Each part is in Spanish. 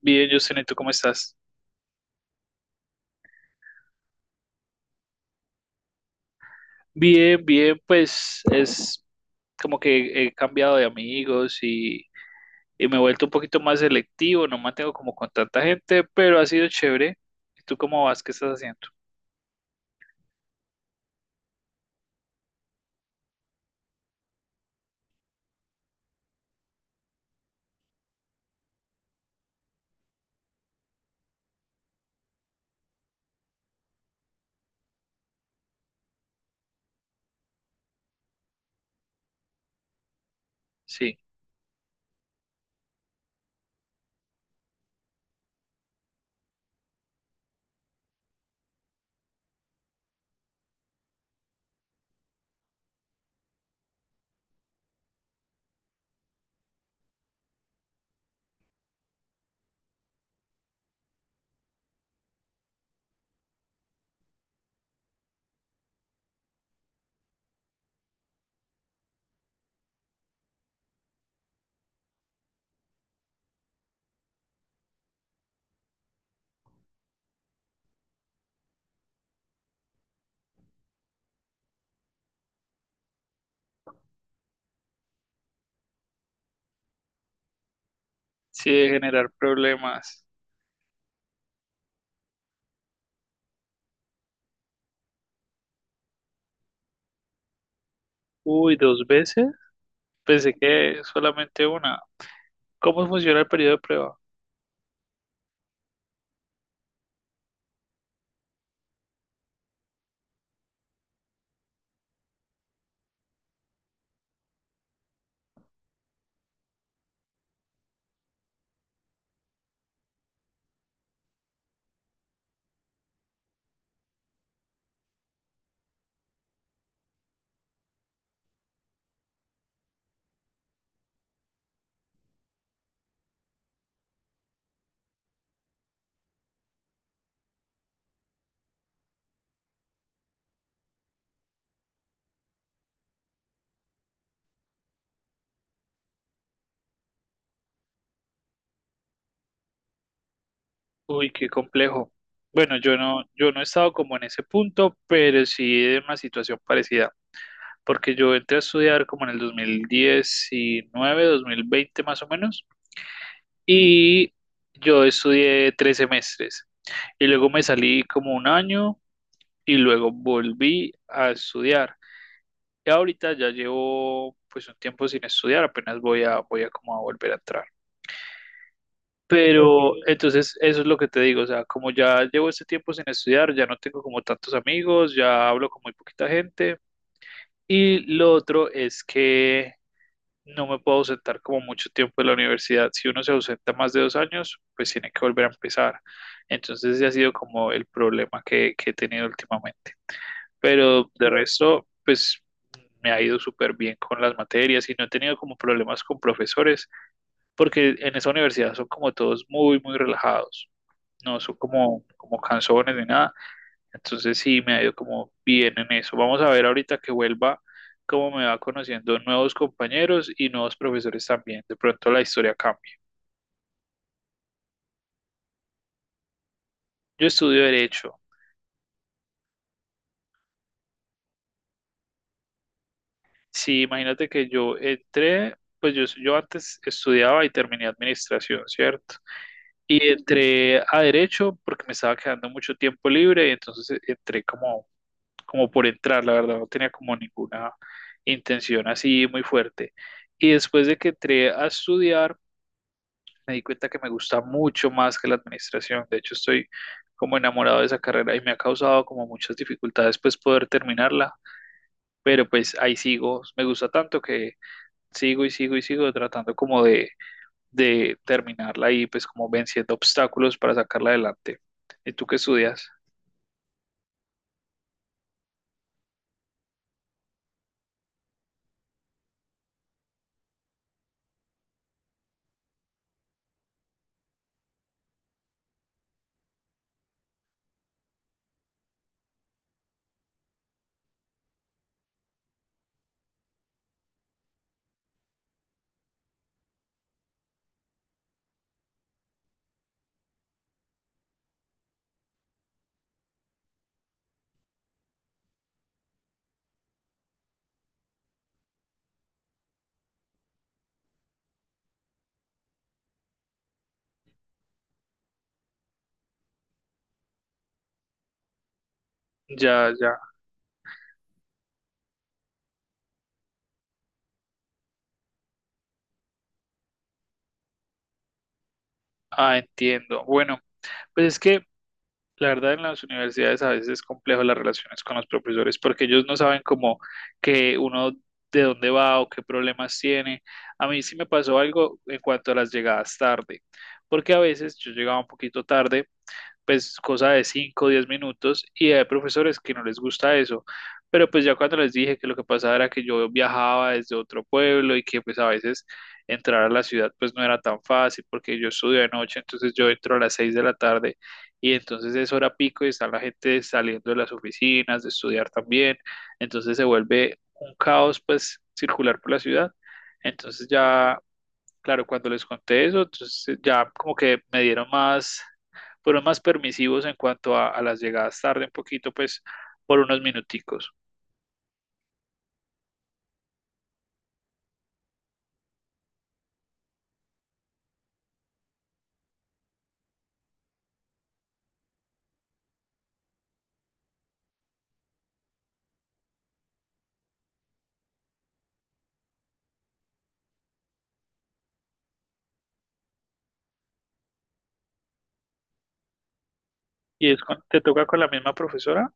Bien, Justin, ¿y tú cómo estás? Bien, bien, pues es como que he cambiado de amigos y me he vuelto un poquito más selectivo, no mantengo como con tanta gente, pero ha sido chévere. ¿Y tú cómo vas? ¿Qué estás haciendo? Sí, sí, de generar problemas. Uy, dos veces. Pensé que solamente una. ¿Cómo funciona el periodo de prueba? Uy, qué complejo. Bueno, yo no he estado como en ese punto, pero sí en una situación parecida. Porque yo entré a estudiar como en el 2019, 2020 más o menos, y yo estudié 3 semestres y luego me salí como un año y luego volví a estudiar. Y ahorita ya llevo pues un tiempo sin estudiar, apenas voy a como a volver a entrar. Pero entonces eso es lo que te digo, o sea, como ya llevo este tiempo sin estudiar, ya no tengo como tantos amigos, ya hablo con muy poquita gente. Y lo otro es que no me puedo ausentar como mucho tiempo de la universidad. Si uno se ausenta más de 2 años, pues tiene que volver a empezar. Entonces ese ha sido como el problema que he tenido últimamente. Pero de resto, pues me ha ido súper bien con las materias y no he tenido como problemas con profesores, porque en esa universidad son como todos muy, muy relajados. No son como, cansones ni nada. Entonces sí, me ha ido como bien en eso. Vamos a ver ahorita que vuelva cómo me va conociendo nuevos compañeros y nuevos profesores también. De pronto la historia cambia. Yo estudio derecho. Sí, imagínate que yo entré, pues yo antes estudiaba y terminé administración, ¿cierto? Y entré a derecho porque me estaba quedando mucho tiempo libre y entonces entré como, como por entrar, la verdad, no tenía como ninguna intención así muy fuerte. Y después de que entré a estudiar, me di cuenta que me gusta mucho más que la administración. De hecho, estoy como enamorado de esa carrera y me ha causado como muchas dificultades pues poder terminarla, pero pues ahí sigo, me gusta tanto que sigo y sigo y sigo tratando como de terminarla y pues como venciendo obstáculos para sacarla adelante. ¿Y tú qué estudias? Ya, ya. Ah, entiendo. Bueno, pues es que la verdad, en las universidades a veces es complejo las relaciones con los profesores porque ellos no saben cómo que uno de dónde va o qué problemas tiene. A mí sí me pasó algo en cuanto a las llegadas tarde, porque a veces yo llegaba un poquito tarde pues cosa de 5 o 10 minutos y hay profesores que no les gusta eso. Pero pues ya cuando les dije que lo que pasaba era que yo viajaba desde otro pueblo y que pues a veces entrar a la ciudad pues no era tan fácil porque yo estudio de noche, entonces yo entro a las 6 de la tarde y entonces es hora pico y está la gente saliendo de las oficinas, de estudiar también, entonces se vuelve un caos pues circular por la ciudad. Entonces ya, claro, cuando les conté eso, entonces ya como que me dieron más, fueron más permisivos en cuanto a las llegadas tarde un poquito, pues por unos minuticos. ¿Y es te toca con la misma profesora?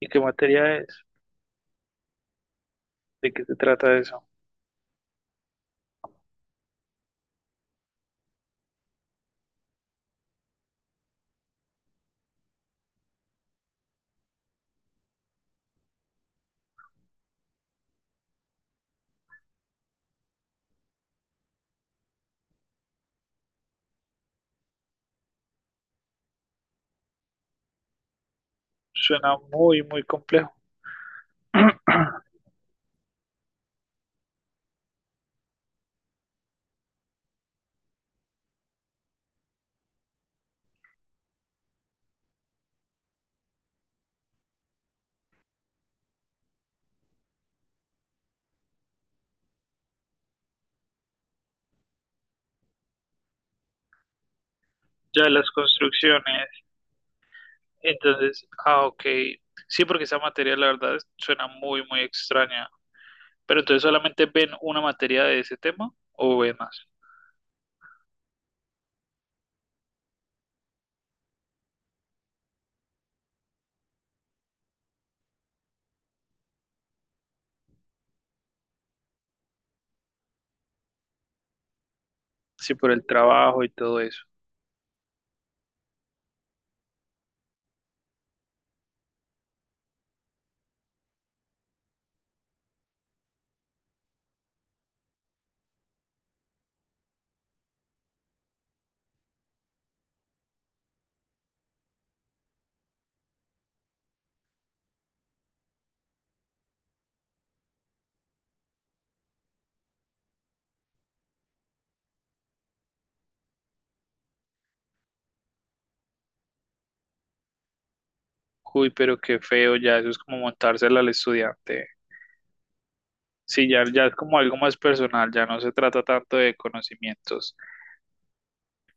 ¿Y qué materia es? ¿De qué se trata eso? Suena muy, muy complejo. Ya las construcciones. Entonces, ah, ok. Sí, porque esa materia la verdad suena muy, muy extraña. Pero entonces solamente ven una materia de ese tema o ven más. Sí, por el trabajo y todo eso. Uy, pero qué feo, ya eso es como montársela al estudiante. Sí, ya, ya es como algo más personal, ya no se trata tanto de conocimientos.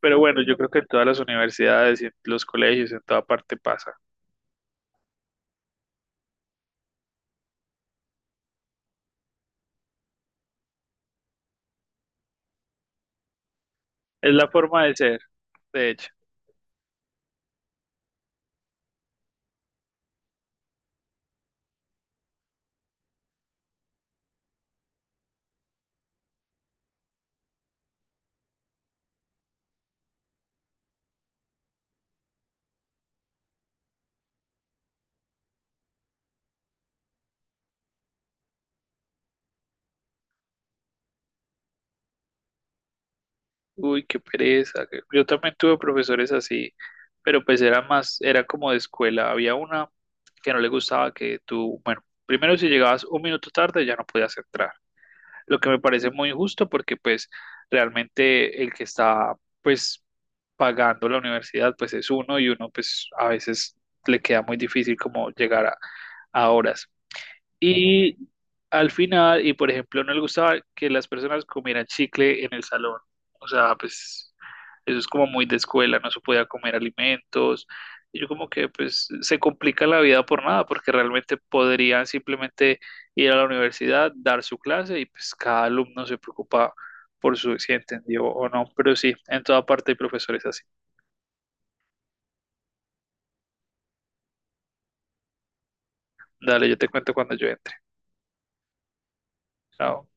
Pero bueno, yo creo que en todas las universidades y en los colegios, en toda parte pasa. Es la forma de ser, de hecho. Uy, qué pereza. Yo también tuve profesores así, pero pues era más, era como de escuela. Había una que no le gustaba que tú, bueno, primero si llegabas un minuto tarde ya no podías entrar. Lo que me parece muy injusto porque pues realmente el que está pues pagando la universidad pues es uno y uno pues a veces le queda muy difícil como llegar a horas. Y al final, y por ejemplo, no le gustaba que las personas comieran chicle en el salón. O sea, pues eso es como muy de escuela, no se podía comer alimentos. Y yo como que pues se complica la vida por nada, porque realmente podrían simplemente ir a la universidad, dar su clase y pues cada alumno se preocupa por su si entendió o no. Pero sí, en toda parte hay profesores así. Dale, yo te cuento cuando yo entre. Chao.